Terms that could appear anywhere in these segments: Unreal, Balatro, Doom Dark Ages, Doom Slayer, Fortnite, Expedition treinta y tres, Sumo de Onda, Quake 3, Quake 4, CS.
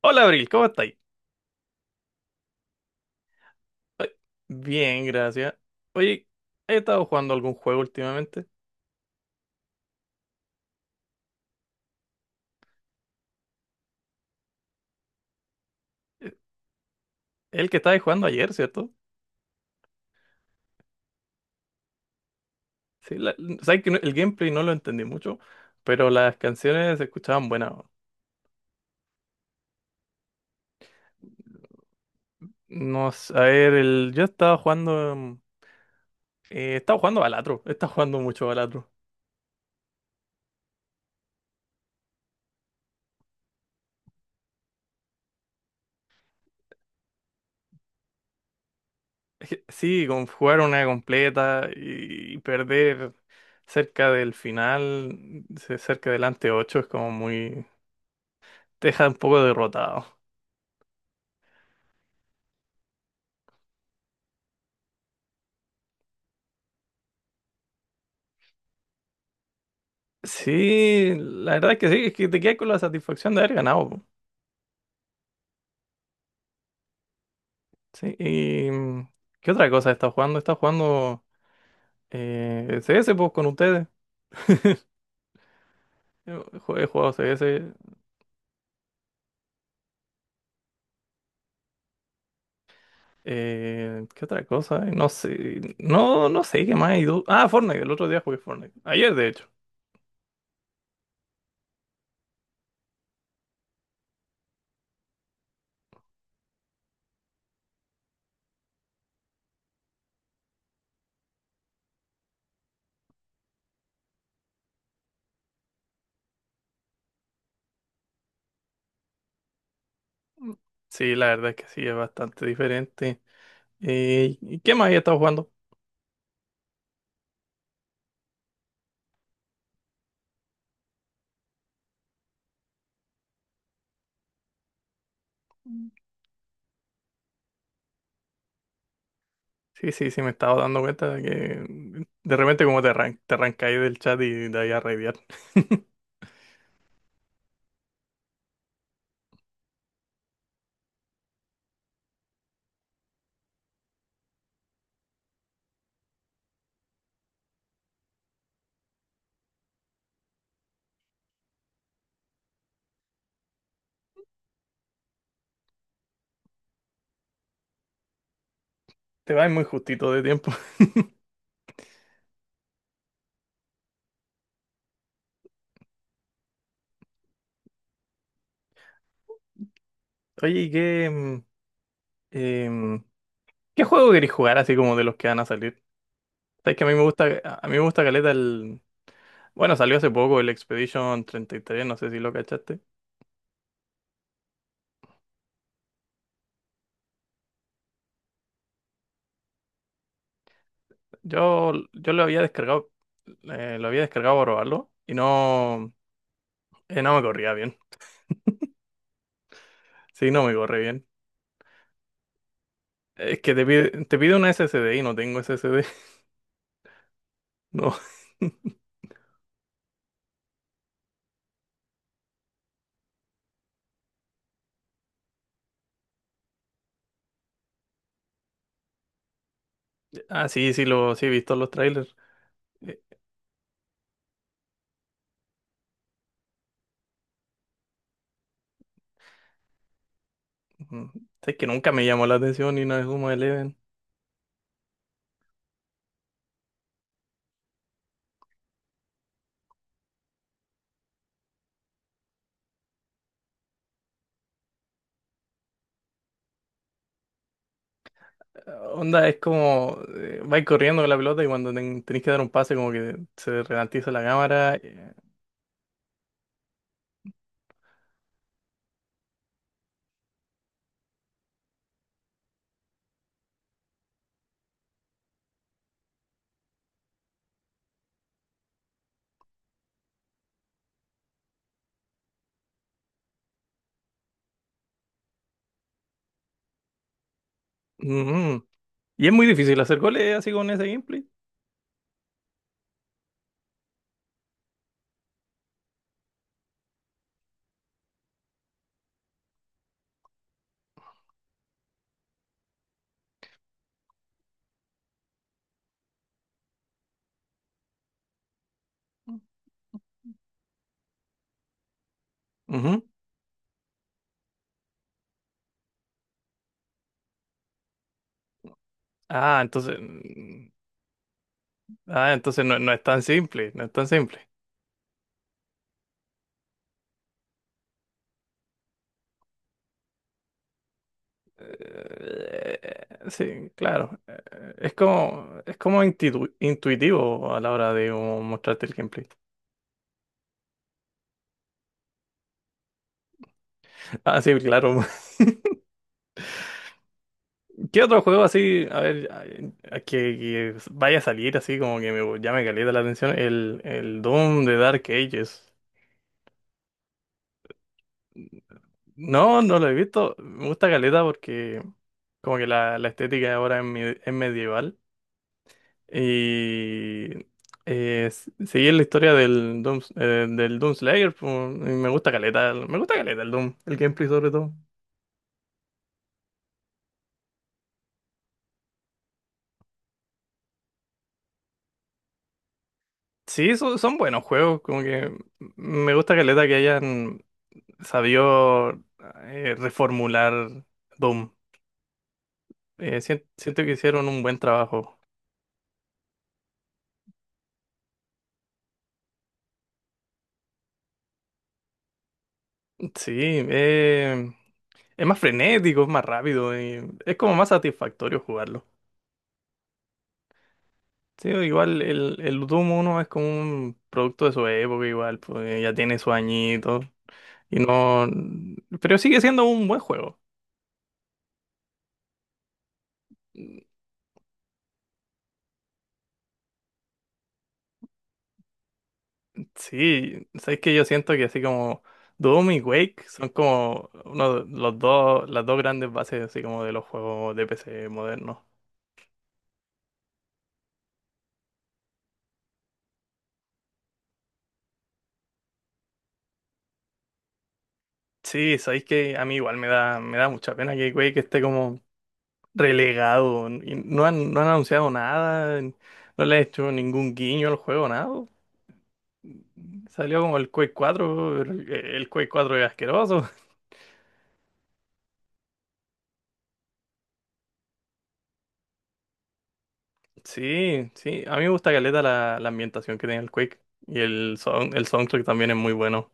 Hola Abril, ¿cómo estáis? Ay, bien, gracias. Oye, ¿he estado jugando algún juego últimamente? Eh, El que estabais jugando ayer, ¿cierto? Sí, sabes que el gameplay no lo entendí mucho, pero las canciones se escuchaban buenas. No sé, a ver, el, yo estaba jugando. Estaba jugando Balatro, estaba jugando mucho Balatro. Es que sí, con jugar una completa y perder cerca del final, cerca del ante 8 es como muy. Te deja un poco derrotado. Sí, la verdad es que sí, es que te quedas con la satisfacción de haber ganado. Po. Sí, y ¿qué otra cosa estás jugando? Estás jugando CS pues, con ustedes. He jugado CS. Eh, ¿qué otra cosa? No sé. No, no sé qué más. Ah, Fortnite, el otro día jugué Fortnite. Ayer, de hecho. Sí, la verdad es que sí, es bastante diferente. ¿Y qué más he estado jugando? Sí, sí, sí, me estaba dando cuenta de que de repente como te arrancáis del chat y de ahí a raidear. Te vas muy justito de tiempo. Oye, ¿y qué, em, qué juego querés jugar así como de los que van a salir? Sabes que a mí me gusta, a mí me gusta caleta el... Bueno, salió hace poco el Expedition treinta y tres, no sé si lo cachaste. Yo lo había descargado para probarlo y no, no me corría bien. Sí, no me corre bien. Es que te pide una SSD y no tengo SSD. No. Ah, sí, sí, lo, sí he visto los trailers. Eh, mm, sabes que nunca me llamó la atención ni una Sumo de onda. Es como, vais corriendo con la pelota y cuando tenéis que dar un pase como que se ralentiza la cámara. Ujú. Y es muy difícil hacer goles así con ese gameplay. Ujú. Ah, entonces, ah, entonces no, no es tan simple, no es tan simple. Sí, claro. Es como intuitivo a la hora de, como, mostrarte el gameplay. Ah, sí, claro, ¿qué otro juego así, a ver, que vaya a salir así como que me llame caleta la atención? El Doom de Dark Ages. No, no lo he visto. Me gusta caleta porque como que la estética ahora es medieval. Y seguir la historia del Doom Slayer, pues, y me gusta caleta, me gusta caleta el Doom, el gameplay sobre todo. Sí, son, son buenos juegos, como que me gusta caleta que hayan sabió reformular Doom. Siento que hicieron un buen trabajo. Sí, eh, es más frenético, es más rápido, y es como más satisfactorio jugarlo. Sí, igual el Doom uno es como un producto de su época, igual, pues ya tiene su añito. Y no. Pero sigue siendo un buen juego. Sí, sabes que yo siento que así como Doom y Quake son como uno de los dos, las dos grandes bases así como de los juegos de PC modernos. Sí, sabéis que a mí igual me da mucha pena que Quake esté como relegado y no han, no han anunciado nada, no le han hecho ningún guiño al juego, nada. Salió como el Quake 4, el Quake cuatro es asqueroso. Sí, sí, a mí me gusta caleta la, la ambientación que tiene el Quake y el, el soundtrack también es muy bueno.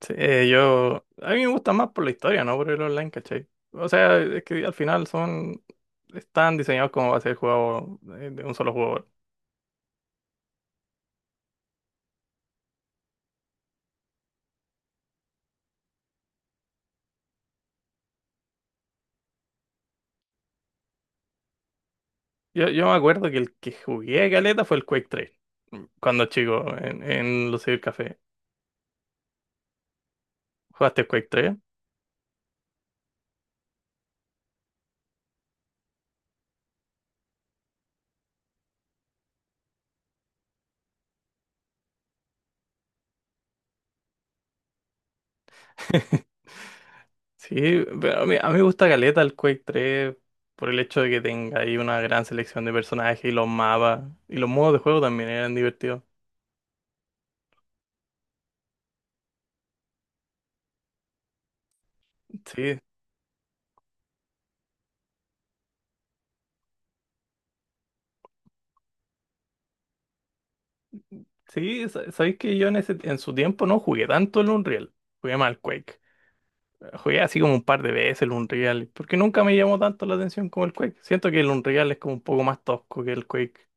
Sí, yo, a mí me gusta más por la historia, ¿no? Por el online, ¿cachai? O sea, es que al final son, están diseñados como va a ser el juego de un solo jugador. Yo me acuerdo que el que jugué caleta fue el Quake 3, cuando chico, en los Café. ¿Jugaste Quake 3? Sí, pero a mí me gusta caleta el Quake 3 por el hecho de que tenga ahí una gran selección de personajes y los mapas y los modos de juego también eran divertidos. Sí, sí, sabéis que yo en, ese, en su tiempo no jugué tanto el Unreal, jugué más el Quake. Jugué así como un par de veces el Unreal, porque nunca me llamó tanto la atención como el Quake. Siento que el Unreal es como un poco más tosco que el Quake.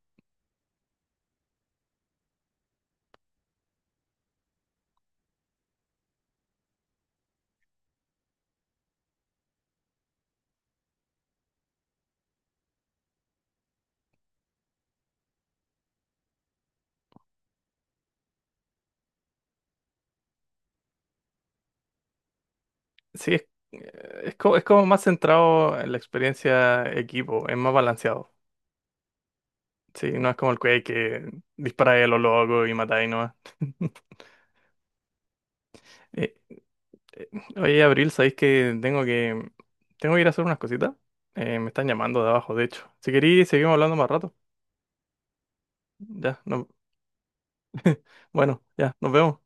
Sí, es, es como más centrado en la experiencia equipo, es más balanceado. Sí, no es como el Quake que disparáis a lo loco y matáis nomás. Eh, eh, oye, Abril, sabéis que tengo que tengo que ir a hacer unas cositas. Me están llamando de abajo, de hecho. Si queréis, seguimos hablando más rato. Ya, no- bueno, ya, nos vemos.